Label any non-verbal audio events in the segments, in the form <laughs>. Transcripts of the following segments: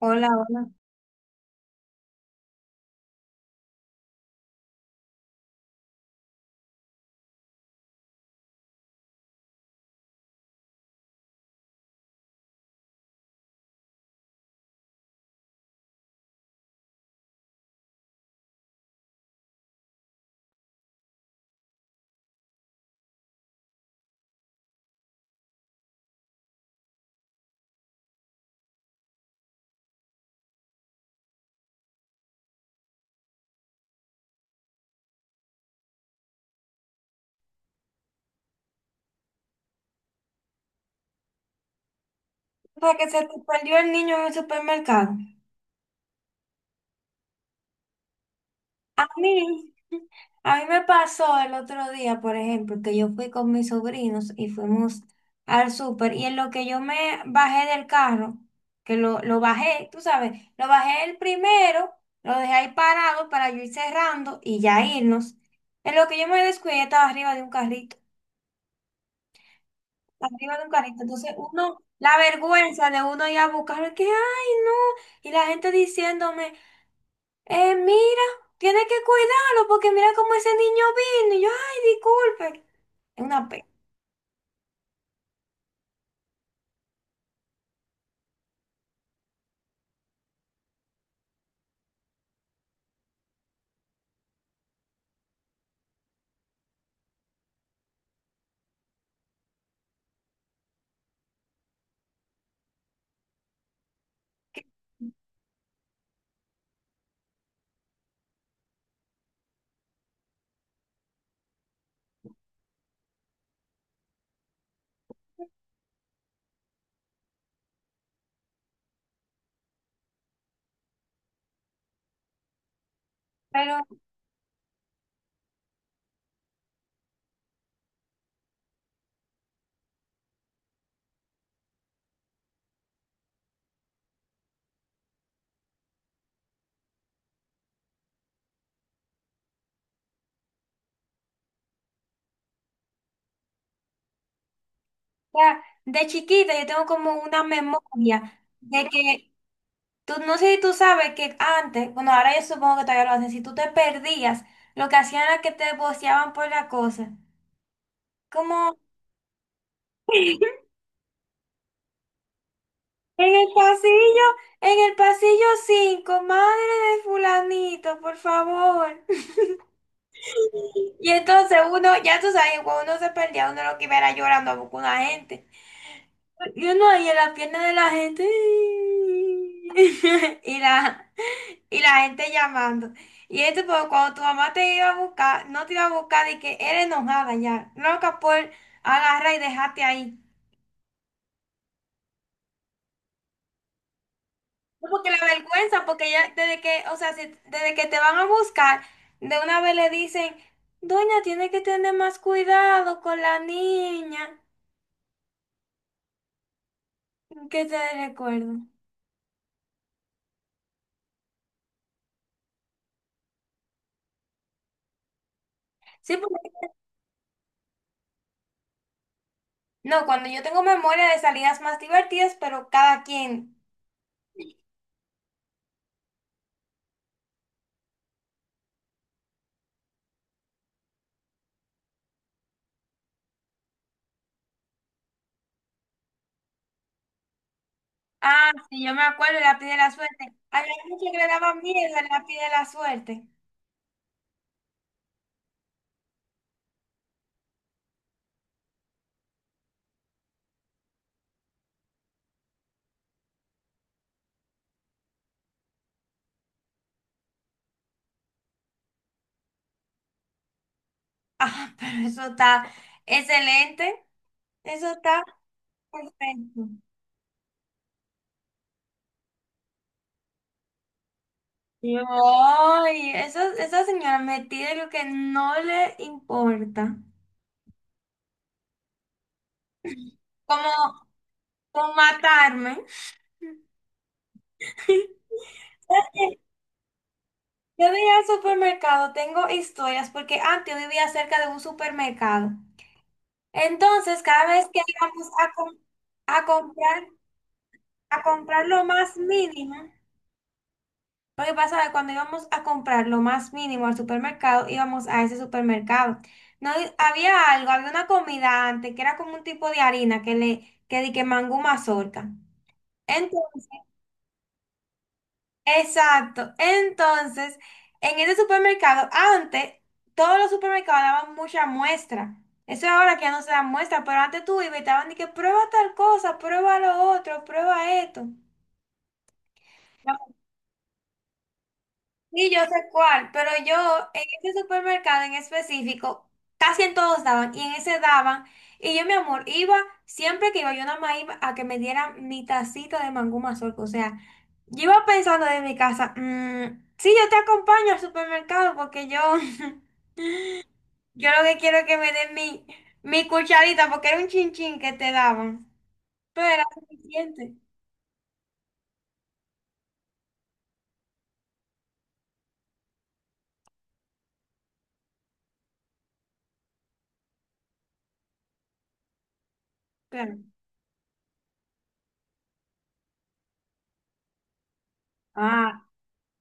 Hola, hola. O sea, que se te perdió el niño en el supermercado. A mí, a mí me pasó el otro día, por ejemplo, que yo fui con mis sobrinos y fuimos al súper y en lo que yo me bajé del carro, que lo bajé, tú sabes, lo bajé el primero, lo dejé ahí parado para yo ir cerrando y ya irnos. En lo que yo me descuidé, estaba arriba de un carrito, arriba de un carrito. Entonces uno, la vergüenza de uno ir a buscarlo, que, ay, no. Y la gente diciéndome. Mira, tiene que cuidarlo porque mira cómo ese niño vino. Y yo, ay, disculpe. Es una pena. Pero ya, de chiquita yo tengo como una memoria de que tú, no sé si tú sabes que antes, bueno, ahora yo supongo que todavía lo hacen, si tú te perdías, lo que hacían era que te boceaban por la cosa. Como <laughs> en el pasillo, en el pasillo 5 madre de fulanito, por favor. Y entonces uno, ya tú sabes, cuando uno se perdía, uno lo que iba era llorando a buscar una gente. Y uno ahí en la pierna de la gente. <laughs> Y la, y la gente llamando. Y esto, pues cuando tu mamá te iba a buscar, no te iba a buscar y que era enojada ya, loca por agarrar y dejarte ahí. No, porque la vergüenza, porque ya desde que, o sea, si- desde que te van a buscar, de una vez le dicen, doña, tiene que tener más cuidado con la niña. ¿Qué te recuerdo? Sí, porque- no, cuando yo tengo memoria de salidas más divertidas, pero cada quien. Ah, sí, yo me acuerdo el lápiz de la suerte. Había muchos que le daban miedo el lápiz de la suerte. <laughs> Ah, pero eso está excelente. Eso está perfecto. Yo, ay, eso, esa señora metida en lo que no le importa. <laughs> Como, como matarme. <laughs> ¿Sabes qué? Yo de ir al supermercado tengo historias porque antes yo vivía cerca de un supermercado. Entonces, cada vez que íbamos a, com- a comprar, a comprar lo más mínimo, lo que pasa es que cuando íbamos a comprar lo más mínimo al supermercado, íbamos a ese supermercado. No di- había algo, había una comida antes que era como un tipo de harina que le que di que mangú mazorca. Entonces, exacto. Entonces, en ese supermercado, antes todos los supermercados daban mucha muestra. Eso ahora que ya no se da muestra, pero antes tú ibas y te daban de que prueba tal cosa, prueba lo otro, prueba esto. Sí, yo sé cuál, pero yo en ese supermercado en específico, casi en todos daban, y en ese daban, y yo, mi amor, iba, siempre que iba, yo nada más iba a que me dieran mi tacita de mangú mazorca, o sea, yo iba pensando de mi casa, "Mm, sí, yo te acompaño al supermercado porque yo, <laughs> yo lo que quiero es que me den mi, mi cucharita, porque era un chinchín que te daban, pero era suficiente, claro.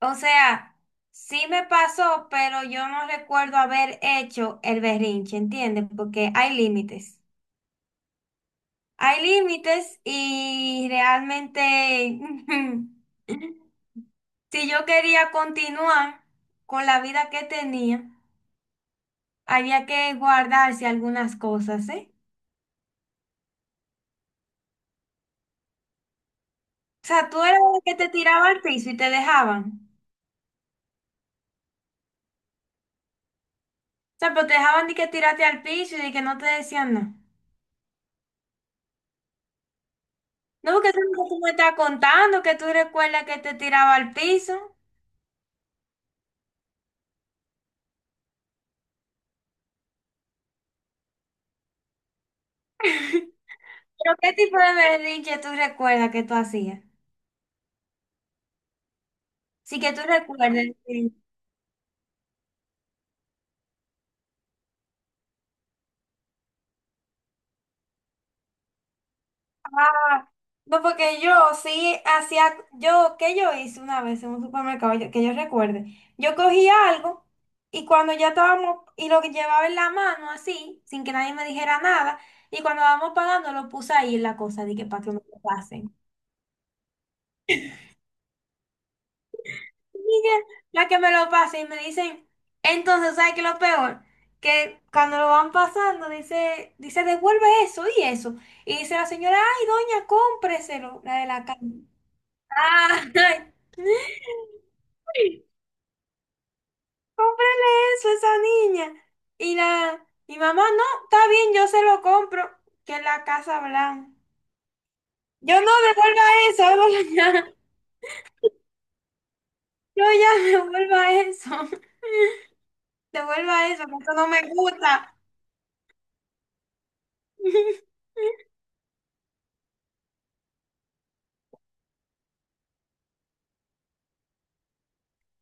O sea, sí me pasó, pero yo no recuerdo haber hecho el berrinche, ¿entiendes? Porque hay límites. Hay límites y realmente, <laughs> si yo quería continuar con la vida que tenía, había que guardarse algunas cosas, ¿eh? O sea, tú eras el que te tiraba al piso y te dejaban. O sea, pero te dejaban de que tirarte al piso y de que no te decían nada. No, porque eso es lo que tú no me estás contando, que tú recuerdas que te tiraba al piso. ¿Pero qué tipo de berrinche tú recuerdas que tú hacías? Sí, que tú recuerdes, sí. Ah, no, porque yo sí hacía, yo, ¿qué yo hice una vez en un supermercado? Yo- que yo recuerde. Yo cogía algo y cuando ya estábamos, y lo que llevaba en la mano así, sin que nadie me dijera nada, y cuando estábamos pagando lo puse ahí en la cosa, de que para que no lo pasen. La que me lo pasa y me dicen, entonces, ¿sabes qué es lo peor? Que cuando lo van pasando, dice, devuelve eso y eso. Y dice la señora, ay, doña, cómpreselo, la de la calle. Ay, <laughs> cómprele eso a esa niña. Y la, mi mamá, no, está bien, yo se lo compro, que es la Casa Blanca. Yo no devuelva eso, <laughs> devuelva ya. Yo ya devuelva eso. <laughs> Devuelva eso, que eso no me gusta. <laughs>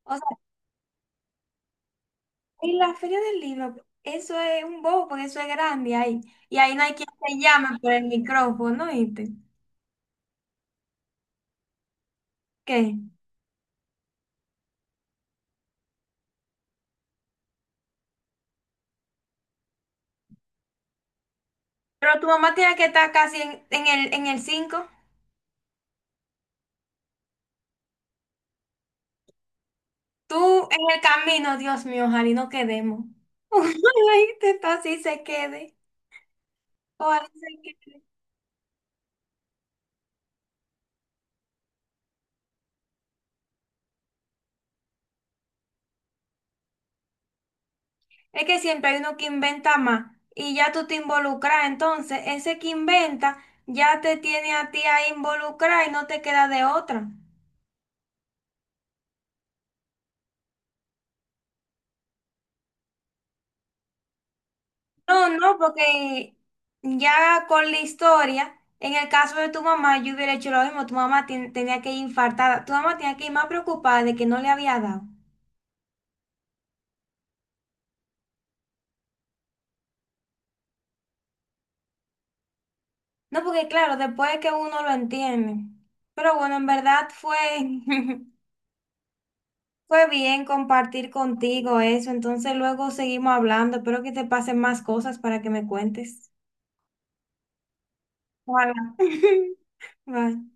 O y la feria del libro, eso es un bobo, porque eso es grande ahí. Y ahí no hay quien te llame por el micrófono, ¿viste? ¿Qué? Pero tu mamá tiene que estar casi en el cinco. Tú en el camino, Dios mío, ojalá y no quedemos. <laughs> Ojalá y te- así se quede. Ojalá y se quede. Es que siempre hay uno que inventa más y ya tú te involucras. Entonces, ese que inventa ya te tiene a ti a involucrar y no te queda de otra. No, no, porque ya con la historia, en el caso de tu mamá, yo hubiera hecho lo mismo. Tu mamá ten- tenía que ir infartada. Tu mamá tenía que ir más preocupada de que no le había dado. No, porque claro, después es que uno lo entiende. Pero bueno, en verdad fue, <laughs> fue bien compartir contigo eso. Entonces luego seguimos hablando. Espero que te pasen más cosas para que me cuentes. Ojalá. <laughs> Bye.